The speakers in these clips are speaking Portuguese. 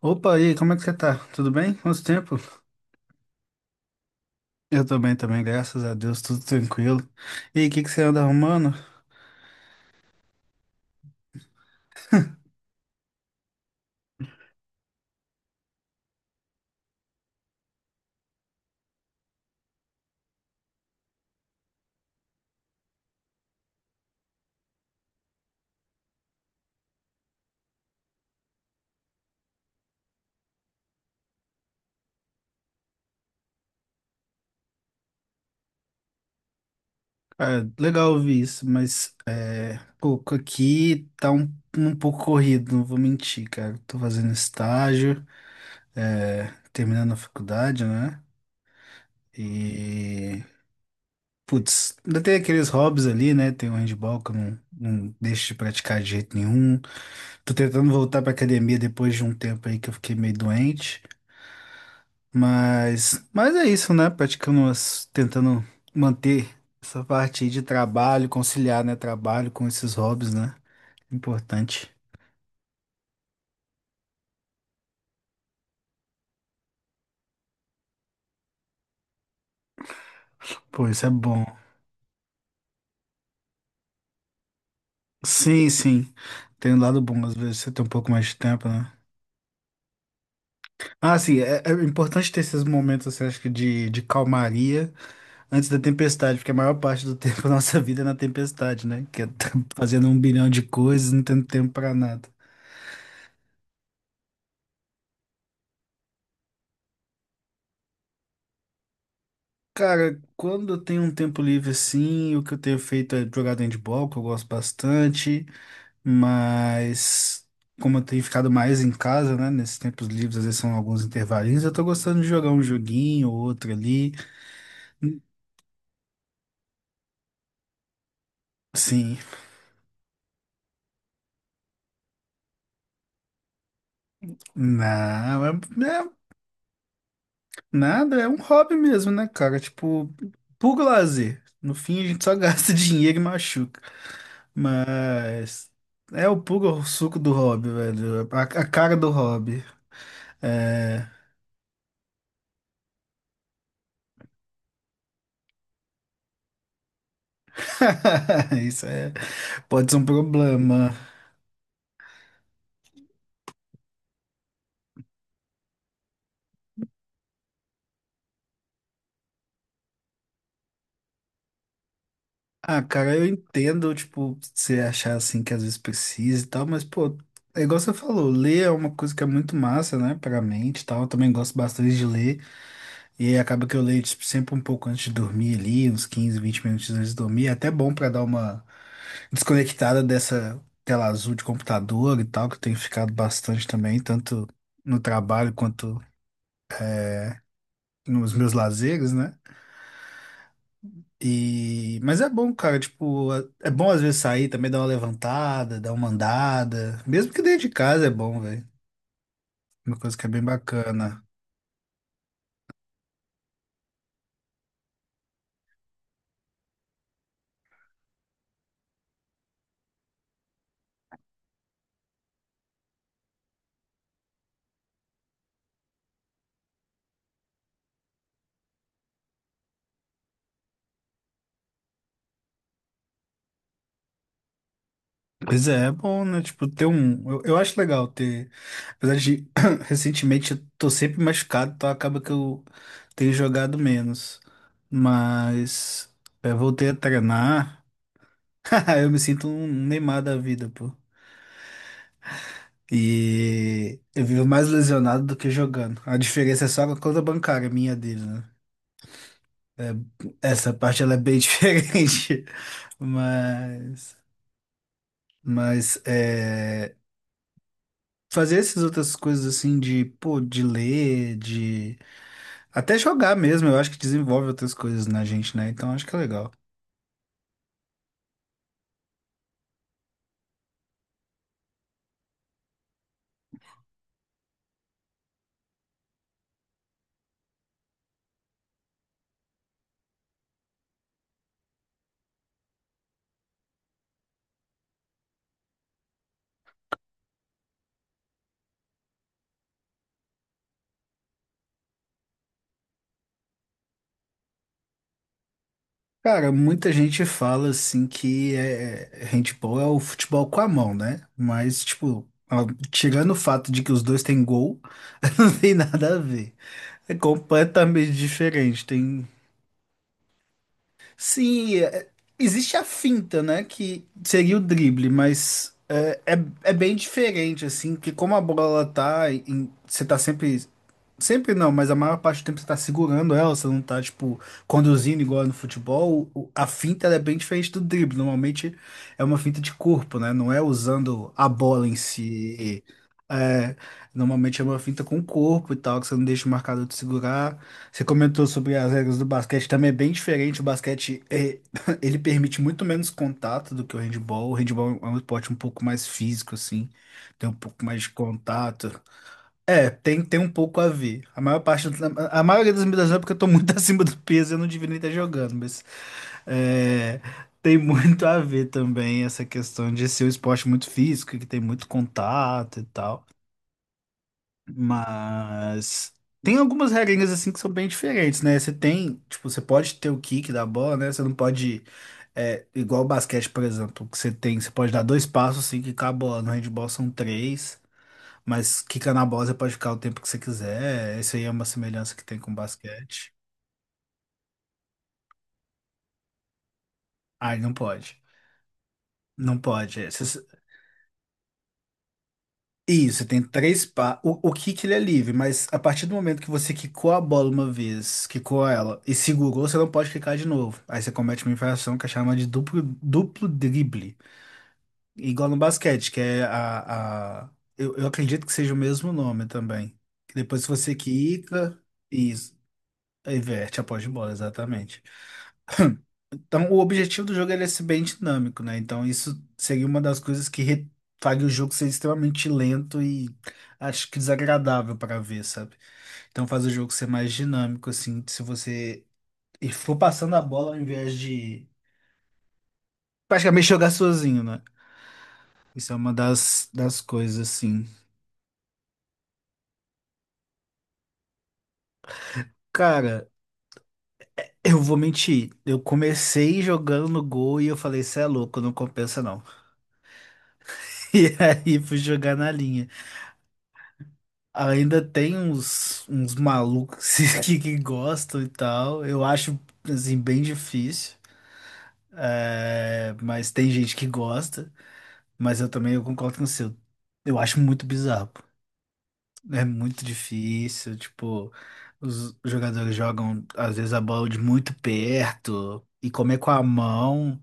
Opa, e aí, como é que você tá? Tudo bem? Quanto tempo? Eu tô bem também, graças a Deus, tudo tranquilo. E aí, o que que você anda arrumando? Cara, legal ouvir isso, mas é, pouco aqui tá um pouco corrido, não vou mentir, cara. Tô fazendo estágio, é, terminando a faculdade, né? E, putz, ainda tem aqueles hobbies ali, né? Tem o handball que eu não, não deixo de praticar de jeito nenhum. Tô tentando voltar pra academia depois de um tempo aí que eu fiquei meio doente. Mas é isso, né? Praticando, tentando manter essa parte aí de trabalho, conciliar, né? Trabalho com esses hobbies, né? Importante. Pô, isso é bom. Sim, sim. Tem um lado bom, às vezes você tem um pouco mais de tempo, né? Ah, sim, é importante ter esses momentos, assim, acho que de calmaria antes da tempestade, porque a maior parte do tempo da nossa vida é na tempestade, né? Que é fazendo um bilhão de coisas, não tendo tempo pra nada. Cara, quando eu tenho um tempo livre assim, o que eu tenho feito é jogar handball, que eu gosto bastante, mas como eu tenho ficado mais em casa, né, nesses tempos livres, às vezes são alguns intervalinhos, eu tô gostando de jogar um joguinho ou outro ali. Sim, não, nada, é um hobby mesmo, né, cara? Tipo, puro lazer. No fim, a gente só gasta dinheiro e machuca, mas é o puro suco do hobby, velho, a cara do hobby. É. Isso é, pode ser um problema. Ah, cara, eu entendo, tipo, você achar assim que às vezes precisa e tal, mas, pô, é igual você falou, ler é uma coisa que é muito massa, né, pra mente e tal. Eu também gosto bastante de ler, e aí acaba que eu leio, tipo, sempre um pouco antes de dormir ali, uns 15, 20 minutos antes de dormir. É até bom pra dar uma desconectada dessa tela azul de computador e tal, que eu tenho ficado bastante também, tanto no trabalho quanto nos meus lazeres, né? E... mas é bom, cara, tipo, é bom às vezes sair também, dar uma levantada, dar uma andada. Mesmo que dentro de casa é bom, velho. Uma coisa que é bem bacana. Pois é, é bom, né? Tipo, ter um. Eu acho legal ter. Apesar de recentemente eu tô sempre machucado, então acaba que eu tenho jogado menos. Mas eu voltei a treinar. Eu me sinto um Neymar da vida, pô. E eu vivo mais lesionado do que jogando. A diferença é só a conta bancária minha e dele, né? É, essa parte ela é bem diferente. Mas, mas é, fazer essas outras coisas assim de, pô, de ler, de até jogar mesmo, eu acho que desenvolve outras coisas na gente, né? Então acho que é legal. Cara, muita gente fala assim que é handball é o futebol com a mão, né? Mas, tipo, tirando o fato de que os dois têm gol, não tem nada a ver. É completamente diferente. Tem se existe a finta, né, que seria o drible, mas é bem diferente assim, que como a bola tá, você tá sempre sempre não, mas a maior parte do tempo você tá segurando ela, você não tá tipo conduzindo igual é no futebol. A finta ela é bem diferente do drible. Normalmente é uma finta de corpo, né? Não é usando a bola em si. É, normalmente é uma finta com o corpo e tal, que você não deixa o marcador te segurar. Você comentou sobre as regras do basquete, também é bem diferente. O basquete ele permite muito menos contato do que o handball. O handball é um esporte um pouco mais físico, assim, tem um pouco mais de contato. É, tem um pouco a ver. A maioria das medidas é porque eu tô muito acima do peso, eu não devia nem estar jogando, mas é, tem muito a ver também essa questão de ser um esporte muito físico, que tem muito contato e tal. Mas tem algumas regrinhas assim que são bem diferentes, né? Você tem, tipo, você pode ter o kick da bola, né? Você não pode, é, igual o basquete, por exemplo, que você tem, você pode dar dois passos assim quicar a bola. No handball são três, mas quica na bola você pode ficar o tempo que você quiser. Isso aí é uma semelhança que tem com o basquete. Ai, não pode. Não pode. É, isso, tem três o, kick ele é livre, mas a partir do momento que você quicou a bola uma vez, quicou ela e segurou, você não pode quicar de novo. Aí você comete uma infração que é chamada de duplo drible. Igual no basquete, que é a... Eu acredito que seja o mesmo nome também. Que depois que você quica, isso, inverte a posse de bola, exatamente. Então, o objetivo do jogo é ele ser bem dinâmico, né? Então, isso seria uma das coisas que faria o jogo ser extremamente lento e acho que desagradável para ver, sabe? Então, faz o jogo ser mais dinâmico, assim, se você e for passando a bola ao invés de praticamente jogar sozinho, né? Isso é uma das, coisas, assim. Cara, eu vou mentir. Eu comecei jogando no gol e eu falei, cê é louco, não compensa não. E aí fui jogar na linha. Ainda tem uns malucos que gostam e tal. Eu acho, assim, bem difícil. É, mas tem gente que gosta. Mas eu também eu concordo com você. Eu acho muito bizarro. É muito difícil. Tipo, os jogadores jogam, às vezes, a bola de muito perto. E comer com a mão.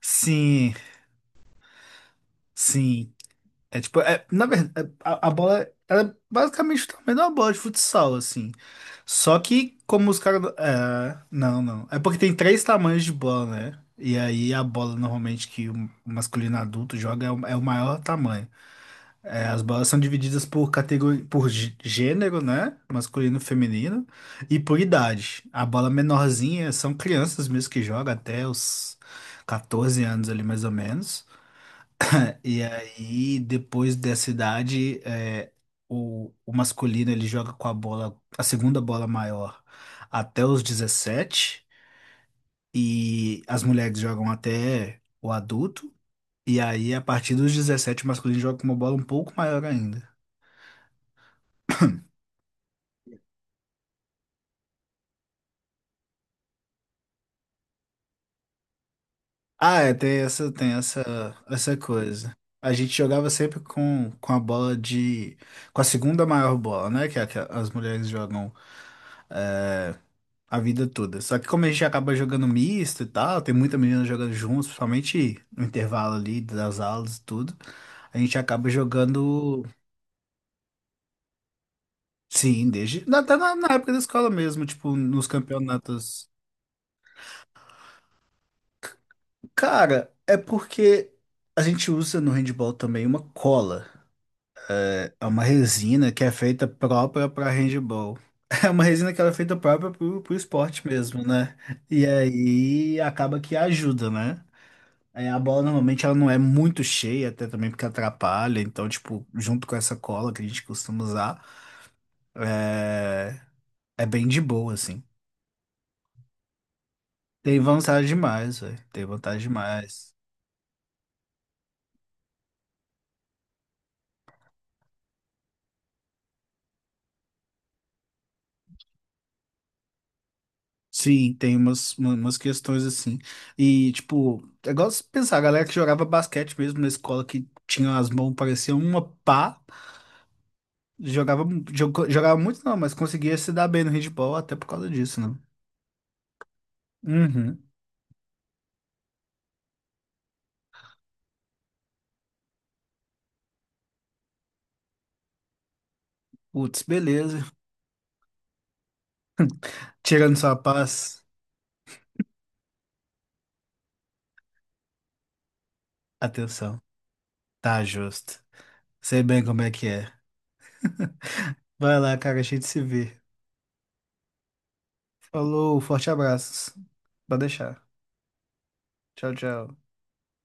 Sim, sim. É tipo, é, na verdade, a bola, ela é basicamente o tamanho de uma bola de futsal, assim. Só que como os caras. É, não, não. É porque tem três tamanhos de bola, né? E aí a bola normalmente que o masculino adulto joga é o maior tamanho. É, as bolas são divididas por categoria, por gênero, né? Masculino, feminino, e por idade. A bola menorzinha são crianças mesmo que jogam até os 14 anos ali mais ou menos. E aí, depois dessa idade, é, o masculino ele joga com a bola, a segunda bola maior, até os 17 e as mulheres jogam até o adulto, e aí, a partir dos 17 o masculino joga com uma bola um pouco maior ainda. Ah, é, tem essa, essa coisa. A gente jogava sempre com a bola de. Com a segunda maior bola, né? Que, é a que as mulheres jogam a vida toda. Só que como a gente acaba jogando misto e tal, tem muita menina jogando juntos, principalmente no intervalo ali das aulas e tudo, a gente acaba jogando, sim, desde até na época da escola mesmo, tipo, nos campeonatos. Cara, é porque a gente usa no handball também uma cola. É uma resina que é feita própria para handball. É uma resina que ela é feita própria pro esporte mesmo, né? E aí acaba que ajuda, né? É, a bola normalmente ela não é muito cheia, até também porque atrapalha. Então, tipo, junto com essa cola que a gente costuma usar, é, é bem de boa, assim. Tem vantagem demais, velho. Tem vantagem demais. Sim, tem umas questões assim. E, tipo, é igual se pensar, a galera que jogava basquete mesmo na escola, que tinha as mãos, parecia uma pá, jogava, jogava muito não, mas conseguia se dar bem no handball até por causa disso, né? Uhum. Putz, beleza. Tirando sua paz, atenção. Tá justo. Sei bem como é que é. Vai lá, cara, a gente se vê. Falou, forte abraços. Pode deixar. Tchau, tchau.